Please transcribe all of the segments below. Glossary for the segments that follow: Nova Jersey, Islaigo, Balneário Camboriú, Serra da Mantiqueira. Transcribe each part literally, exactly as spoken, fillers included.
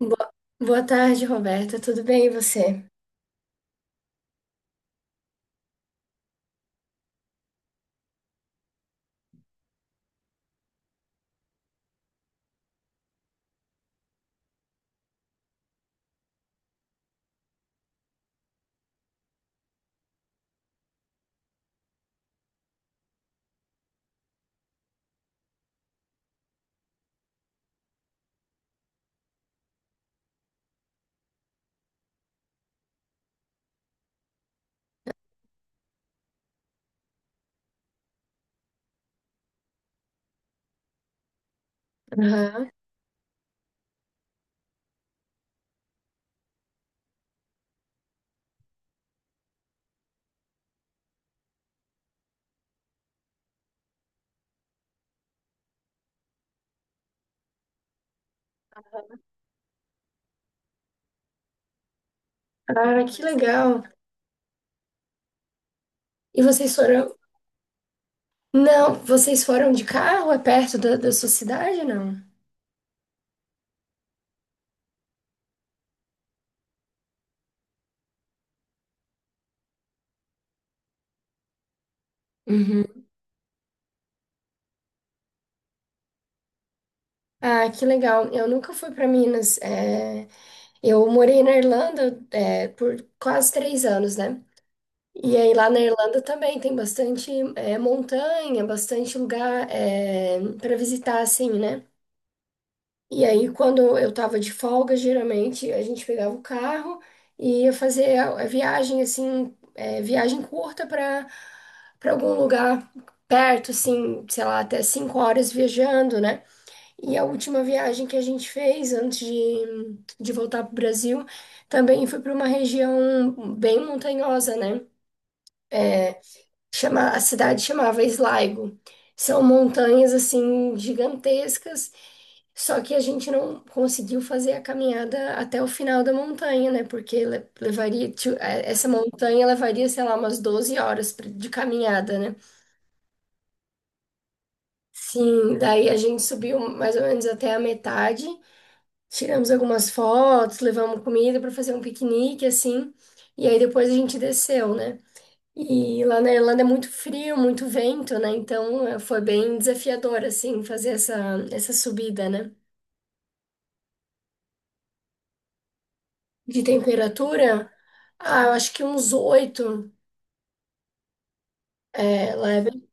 Boa, boa tarde, Roberta. Tudo bem e você? Aham. Ah, que legal. E vocês foram. Não, vocês foram de carro? É perto da, da sua cidade, não? Uhum. Ah, que legal. Eu nunca fui para Minas. É, Eu morei na Irlanda, é, por quase três anos, né? E aí lá na Irlanda também tem bastante, é, montanha, bastante lugar para visitar, assim, né? E aí, quando eu tava de folga, geralmente a gente pegava o carro e ia fazer a a viagem, assim, é, viagem curta para para algum lugar perto, assim, sei lá, até cinco horas viajando, né? E a última viagem que a gente fez antes de, de voltar para o Brasil também foi para uma região bem montanhosa, né? Chama, a cidade chamava Islaigo. São montanhas, assim, gigantescas. Só que a gente não conseguiu fazer a caminhada até o final da montanha, né? Porque le- levaria, tio- eh, essa montanha levaria, sei lá, umas doze horas pra- de caminhada, né? Sim, daí a gente subiu mais ou menos até a metade, tiramos algumas fotos, levamos comida para fazer um piquenique, assim, e aí depois a gente desceu, né? E lá na Irlanda é muito frio, muito vento, né? Então eh, foi bem desafiador, assim, fazer essa, essa subida, né? De temperatura. Ah, eu acho que uns oito, é, level.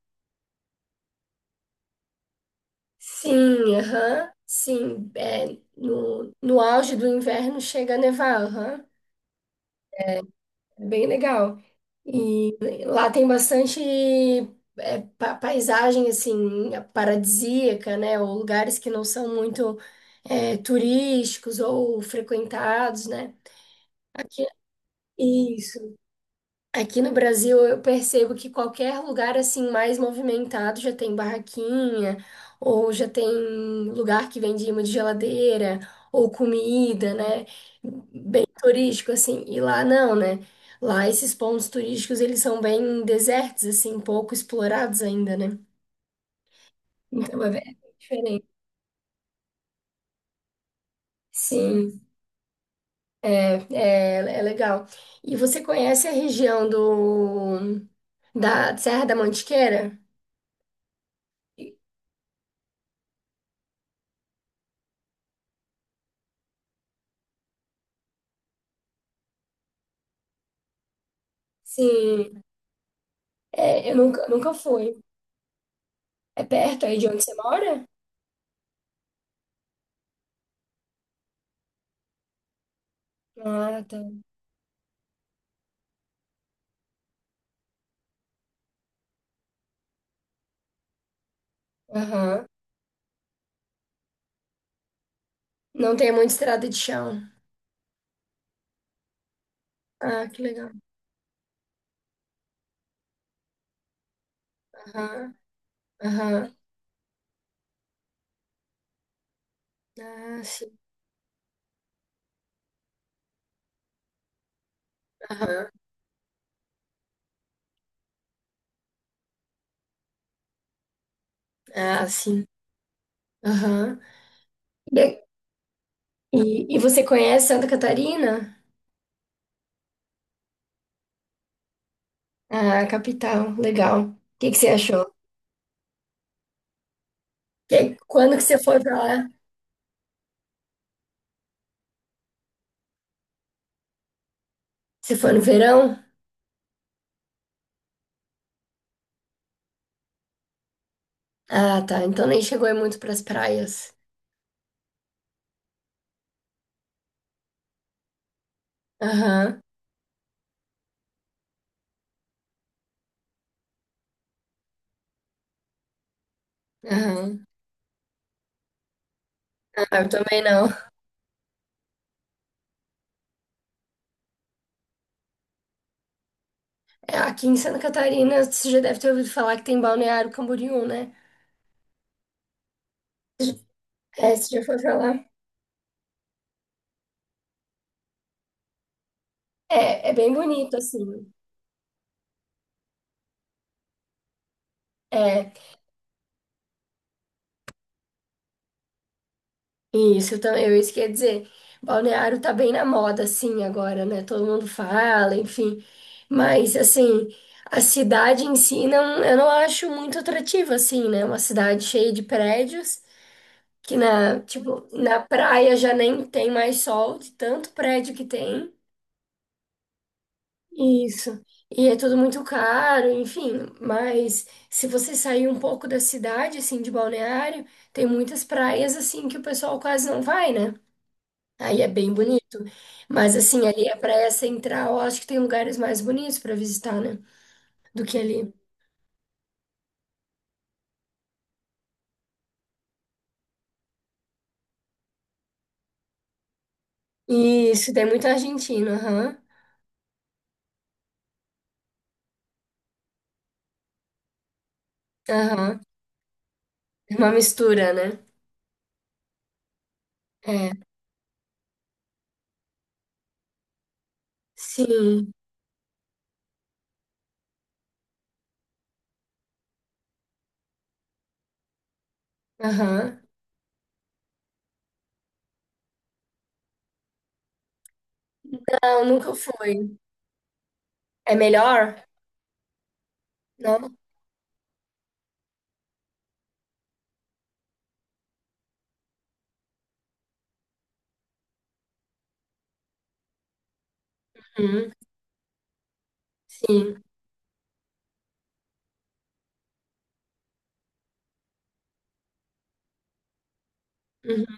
Sim, aham. Sim, é, no, no auge do inverno chega a nevar, aham. É bem legal. E lá tem bastante, é, pa- paisagem, assim, paradisíaca, né? Ou lugares que não são muito, é, turísticos ou frequentados, né? Isso. Aqui no Brasil, eu percebo que qualquer lugar assim mais movimentado já tem barraquinha, ou já tem lugar que vende imã de geladeira, ou comida, né? Bem turístico assim. E lá não, né? Lá esses pontos turísticos, eles são bem desertos assim, pouco explorados ainda, né? Então é bem diferente. Sim, é, é é legal. E você conhece a região do da Serra da Mantiqueira? Sim. É, eu nunca, nunca fui. É perto aí de onde você mora? Ah, tá. Aham. Não tem muita estrada de chão. Ah, que legal. Aham, aham. Ah, sim. Aham. Ah, sim. Aham. E, e, e você conhece Santa Catarina? Ah, capital. Legal. O que que você achou? Que- quando que você foi pra lá? Você foi no verão? Ah, tá. Então nem chegou aí muito pras praias. Aham, aham. Ah, eu também não. É, aqui em Santa Catarina, você já deve ter ouvido falar que tem Balneário Camboriú, né? É, você já foi pra lá? É, é bem bonito, assim. É, isso, tam- eu, isso quer dizer, Balneário tá bem na moda, assim, agora, né? Todo mundo fala, enfim. Mas, assim, a cidade em si, não, eu não acho muito atrativa, assim, né? Uma cidade cheia de prédios, que na, tipo, na praia já nem tem mais sol, de tanto prédio que tem. Isso. E é tudo muito caro, enfim. Mas se você sair um pouco da cidade, assim, de Balneário, tem muitas praias, assim, que o pessoal quase não vai, né? Aí é bem bonito. Mas, assim, ali a praia central, eu acho que tem lugares mais bonitos para visitar, né? Do que ali. Isso, tem muito argentino, aham. Aham. É uma mistura, né? É. Sim. Aham. Não, nunca fui. É melhor? Não? Uhum. Sim. Uhum.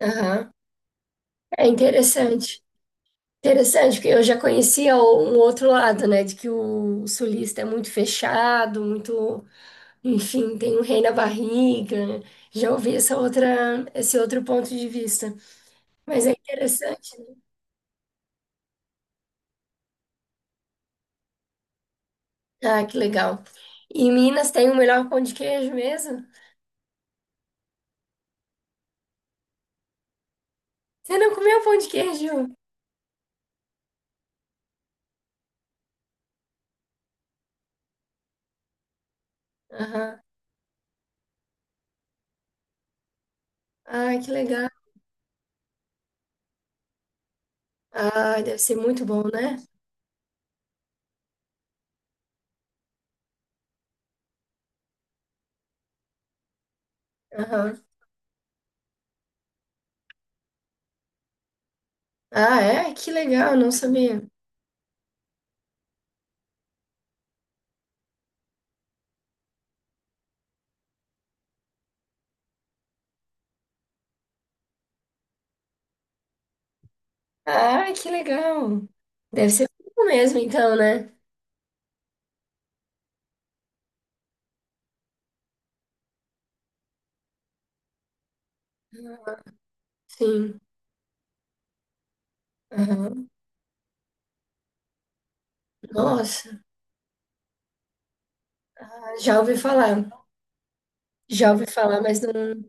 Aham. É interessante. Interessante, porque eu já conhecia o- um outro lado, né? De que o sulista é muito fechado, muito, enfim, tem um rei na barriga, né? Já ouvi essa outra, esse outro ponto de vista. Mas é interessante, né? Ah, que legal. E em Minas tem o melhor pão de queijo mesmo? Você não comeu pão de queijo? Aham. Ah, que legal. Ah, deve ser muito bom, né? Aham. Ah, é? Que legal, não sabia. Ai, que legal. Deve ser fofo mesmo, então, né? Sim. Aham. Nossa. Ah, já ouvi falar. Já ouvi falar, mas não,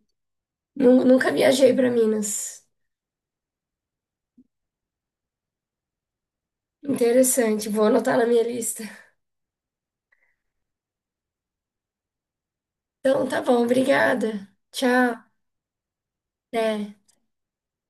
nu- nunca viajei para Minas. Interessante, vou anotar na minha lista. Então, tá bom, obrigada. Tchau. Até.